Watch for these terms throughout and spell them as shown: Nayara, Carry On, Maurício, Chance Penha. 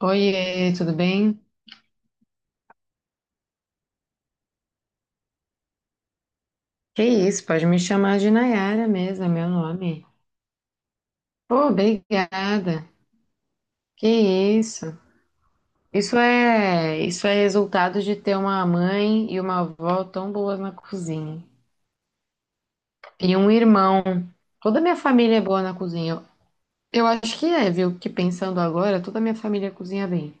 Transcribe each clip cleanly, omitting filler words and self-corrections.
Oiê, tudo bem? Que isso, pode me chamar de Nayara mesmo, é meu nome. Pô, obrigada. Que isso. Isso é resultado de ter uma mãe e uma avó tão boas na cozinha. E um irmão. Toda a minha família é boa na cozinha. Eu acho que é, viu? Que pensando agora, toda a minha família cozinha bem.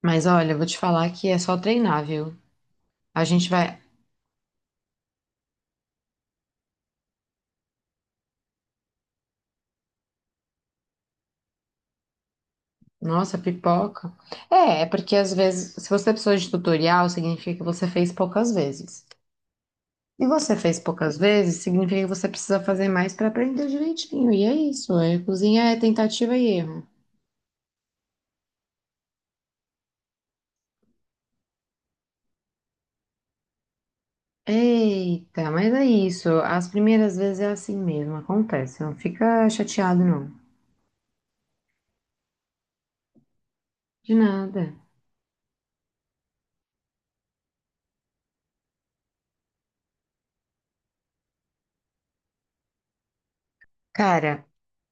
Mas olha, eu vou te falar que é só treinar, viu? A gente vai. Nossa, pipoca. É porque às vezes, se você precisou de tutorial, significa que você fez poucas vezes. E você fez poucas vezes, significa que você precisa fazer mais para aprender direitinho. E é isso, é, cozinha é tentativa e erro. Eita, mas é isso. As primeiras vezes é assim mesmo, acontece. Não fica chateado, não. De nada. Cara,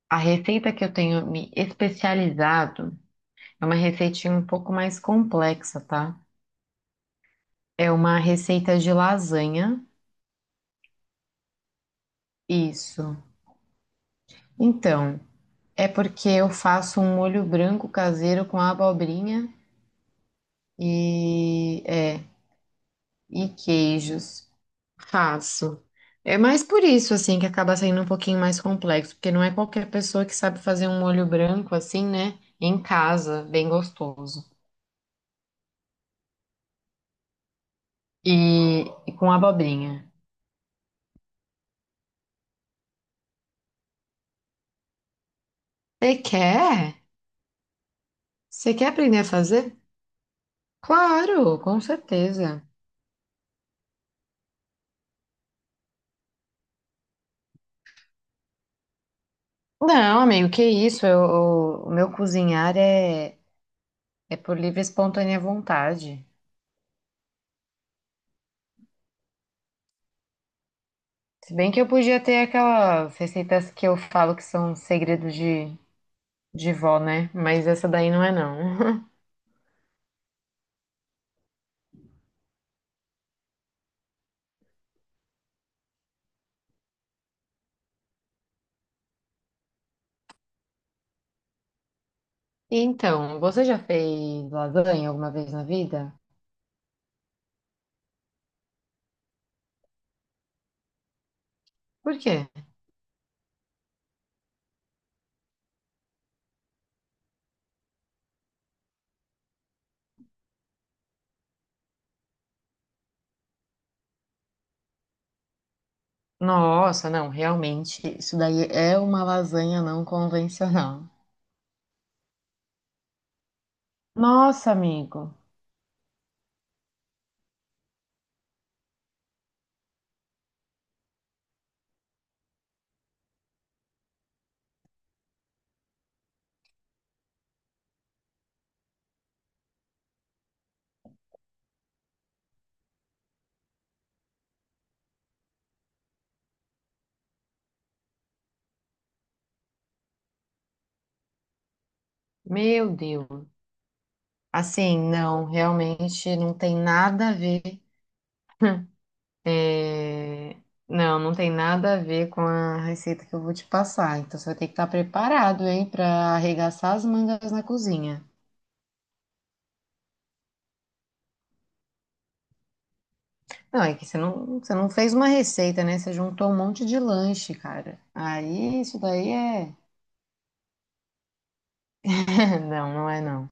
a receita que eu tenho me especializado é uma receitinha um pouco mais complexa, tá? É uma receita de lasanha. Isso. Então, é porque eu faço um molho branco caseiro com abobrinha e é, e queijos. Faço. É mais por isso assim que acaba saindo um pouquinho mais complexo, porque não é qualquer pessoa que sabe fazer um molho branco assim, né? Em casa, bem gostoso. E com abobrinha. Você quer? Você quer aprender a fazer? Claro, com certeza. Não, amigo, que isso? Eu- o meu cozinhar é por livre e espontânea vontade. Se bem que eu podia ter aquelas receitas que eu falo que são segredos de vó, né? Mas essa daí não é, não. Então, você já fez lasanha alguma vez na vida? Por quê? Nossa, não, realmente, isso daí é uma lasanha não convencional. Nossa, amigo, meu Deus. Assim, não, realmente não tem nada a ver. É, não, não tem nada a ver com a receita que eu vou te passar. Então você vai ter que estar preparado, hein, para arregaçar as mangas na cozinha. Não, é que você não fez uma receita, né? Você juntou um monte de lanche, cara. Aí isso daí é. Não, não é não.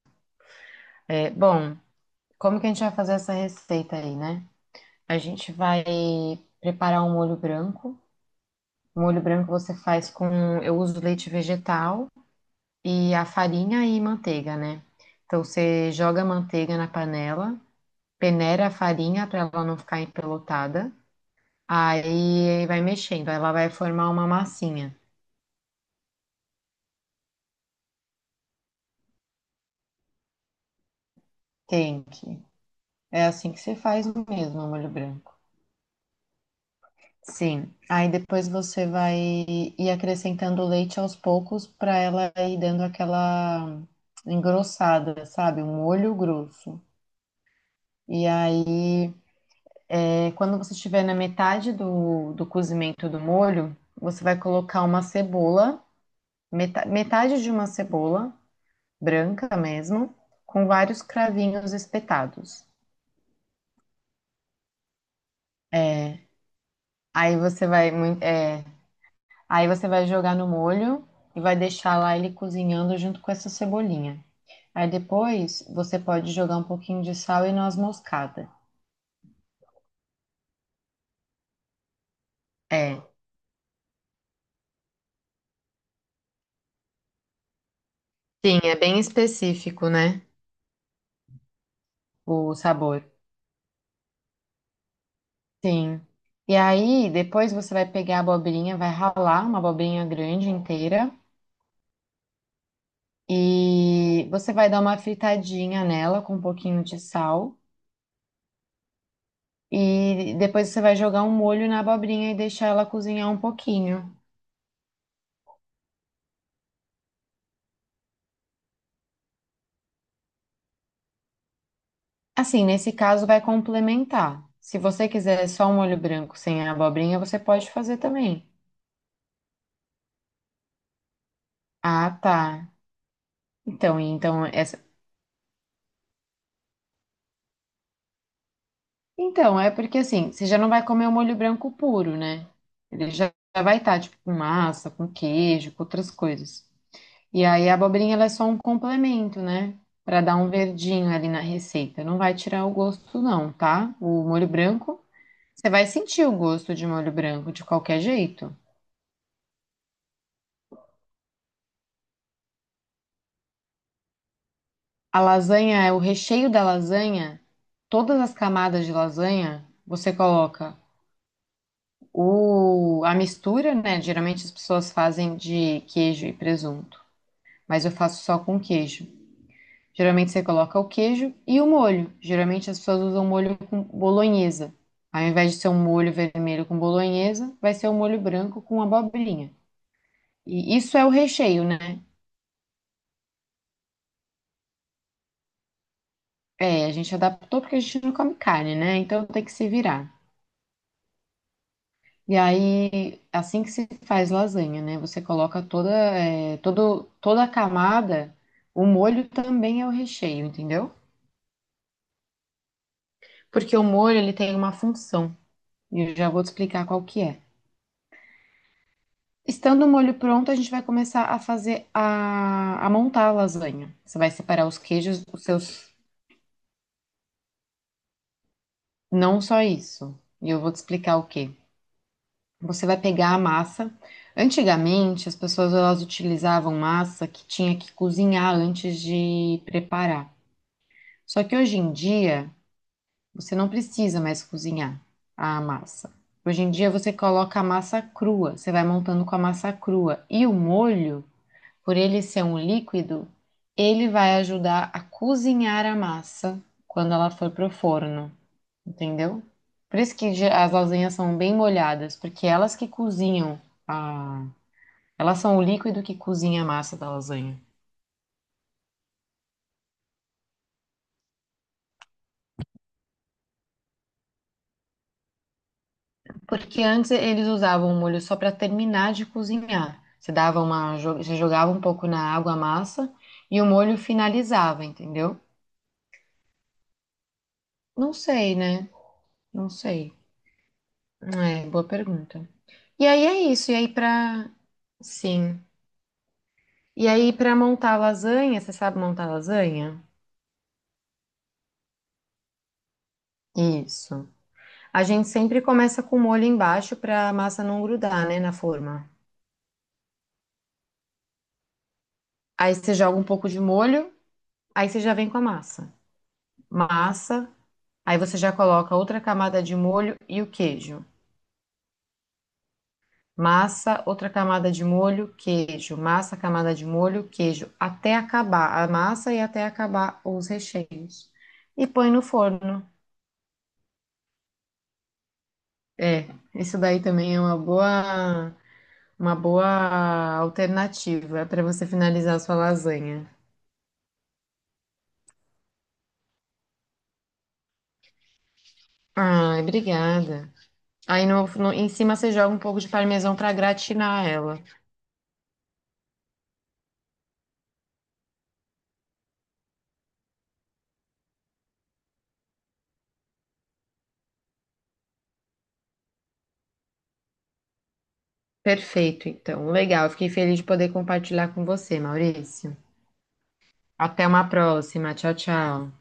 É, bom, como que a gente vai fazer essa receita aí, né? A gente vai preparar um molho branco. O molho branco você faz com. Eu uso leite vegetal e a farinha e manteiga, né? Então você joga a manteiga na panela, peneira a farinha para ela não ficar empelotada, aí vai mexendo, ela vai formar uma massinha. Tem que. É assim que você faz mesmo o molho branco. Sim, aí depois você vai ir acrescentando o leite aos poucos para ela ir dando aquela engrossada, sabe? Um molho grosso. E aí é, quando você estiver na metade do cozimento do molho, você vai colocar uma cebola, meta- metade de uma cebola, branca mesmo, com vários cravinhos espetados. Aí você vai, mui- é, aí você vai jogar no molho e vai deixar lá ele cozinhando junto com essa cebolinha. Aí depois você pode jogar um pouquinho de sal e noz moscada. É, sim, é bem específico, né? O sabor. Sim. E aí, depois você vai pegar a abobrinha, vai ralar uma abobrinha grande inteira e você vai dar uma fritadinha nela com um pouquinho de sal. E depois você vai jogar um molho na abobrinha e deixar ela cozinhar um pouquinho. Assim, nesse caso, vai complementar. Se você quiser só um molho branco sem a abobrinha, você pode fazer também. Ah, tá. Então, Então, é porque assim, você já não vai comer o molho branco puro, né? Ele já já vai estar, tipo, com massa, com queijo, com outras coisas. E aí a abobrinha, ela é só um complemento, né? Pra dar um verdinho ali na receita. Não vai tirar o gosto, não, tá? O molho branco, você vai sentir o gosto de molho branco de qualquer jeito. A lasanha, é o recheio da lasanha, todas as camadas de lasanha, você coloca a mistura, né? Geralmente as pessoas fazem de queijo e presunto, mas eu faço só com queijo. Geralmente você coloca o queijo e o molho. Geralmente as pessoas usam molho com bolonhesa. Ao invés de ser um molho vermelho com bolonhesa, vai ser um molho branco com abobrinha. E isso é o recheio, né? É, a gente adaptou porque a gente não come carne, né? Então tem que se virar. E aí, assim que se faz lasanha, né? Você coloca toda, é, toda a camada, o molho também é o recheio, entendeu? Porque o molho ele tem uma função. E eu já vou te explicar qual que é. Estando o molho pronto, a gente vai começar a fazer a montar a lasanha. Você vai separar os queijos, os seus. Não só isso. E eu vou te explicar o quê. Você vai pegar a massa. Antigamente, as pessoas elas utilizavam massa que tinha que cozinhar antes de preparar. Só que hoje em dia, você não precisa mais cozinhar a massa. Hoje em dia, você coloca a massa crua. Você vai montando com a massa crua. E o molho. Por ele ser um líquido, ele vai ajudar a cozinhar a massa quando ela for pro forno, entendeu? Por isso que ge- as lasanhas são bem molhadas, porque elas que cozinham a... Elas são o líquido que cozinha a massa da lasanha. Porque antes eles usavam o molho só para terminar de cozinhar. Você dava uma, jo- você jogava um pouco na água a massa e o molho finalizava, entendeu? Não sei, né? Não sei. É, boa pergunta. E aí é isso. E aí pra. Sim. E aí pra montar lasanha, você sabe montar lasanha? Isso. A gente sempre começa com molho embaixo pra massa não grudar, né, na forma. Aí você joga um pouco de molho, aí você já vem com a massa. Massa, aí você já coloca outra camada de molho e o queijo. Massa, outra camada de molho, queijo. Massa, camada de molho, queijo. Até acabar a massa e até acabar os recheios. E põe no forno. É, isso daí também é uma boa alternativa para você finalizar a sua lasanha. Ai, obrigada. Aí no, no- em cima você joga um pouco de parmesão para gratinar ela. Perfeito, então. Legal, fiquei feliz de poder compartilhar com você, Maurício. Até uma próxima. Tchau, tchau.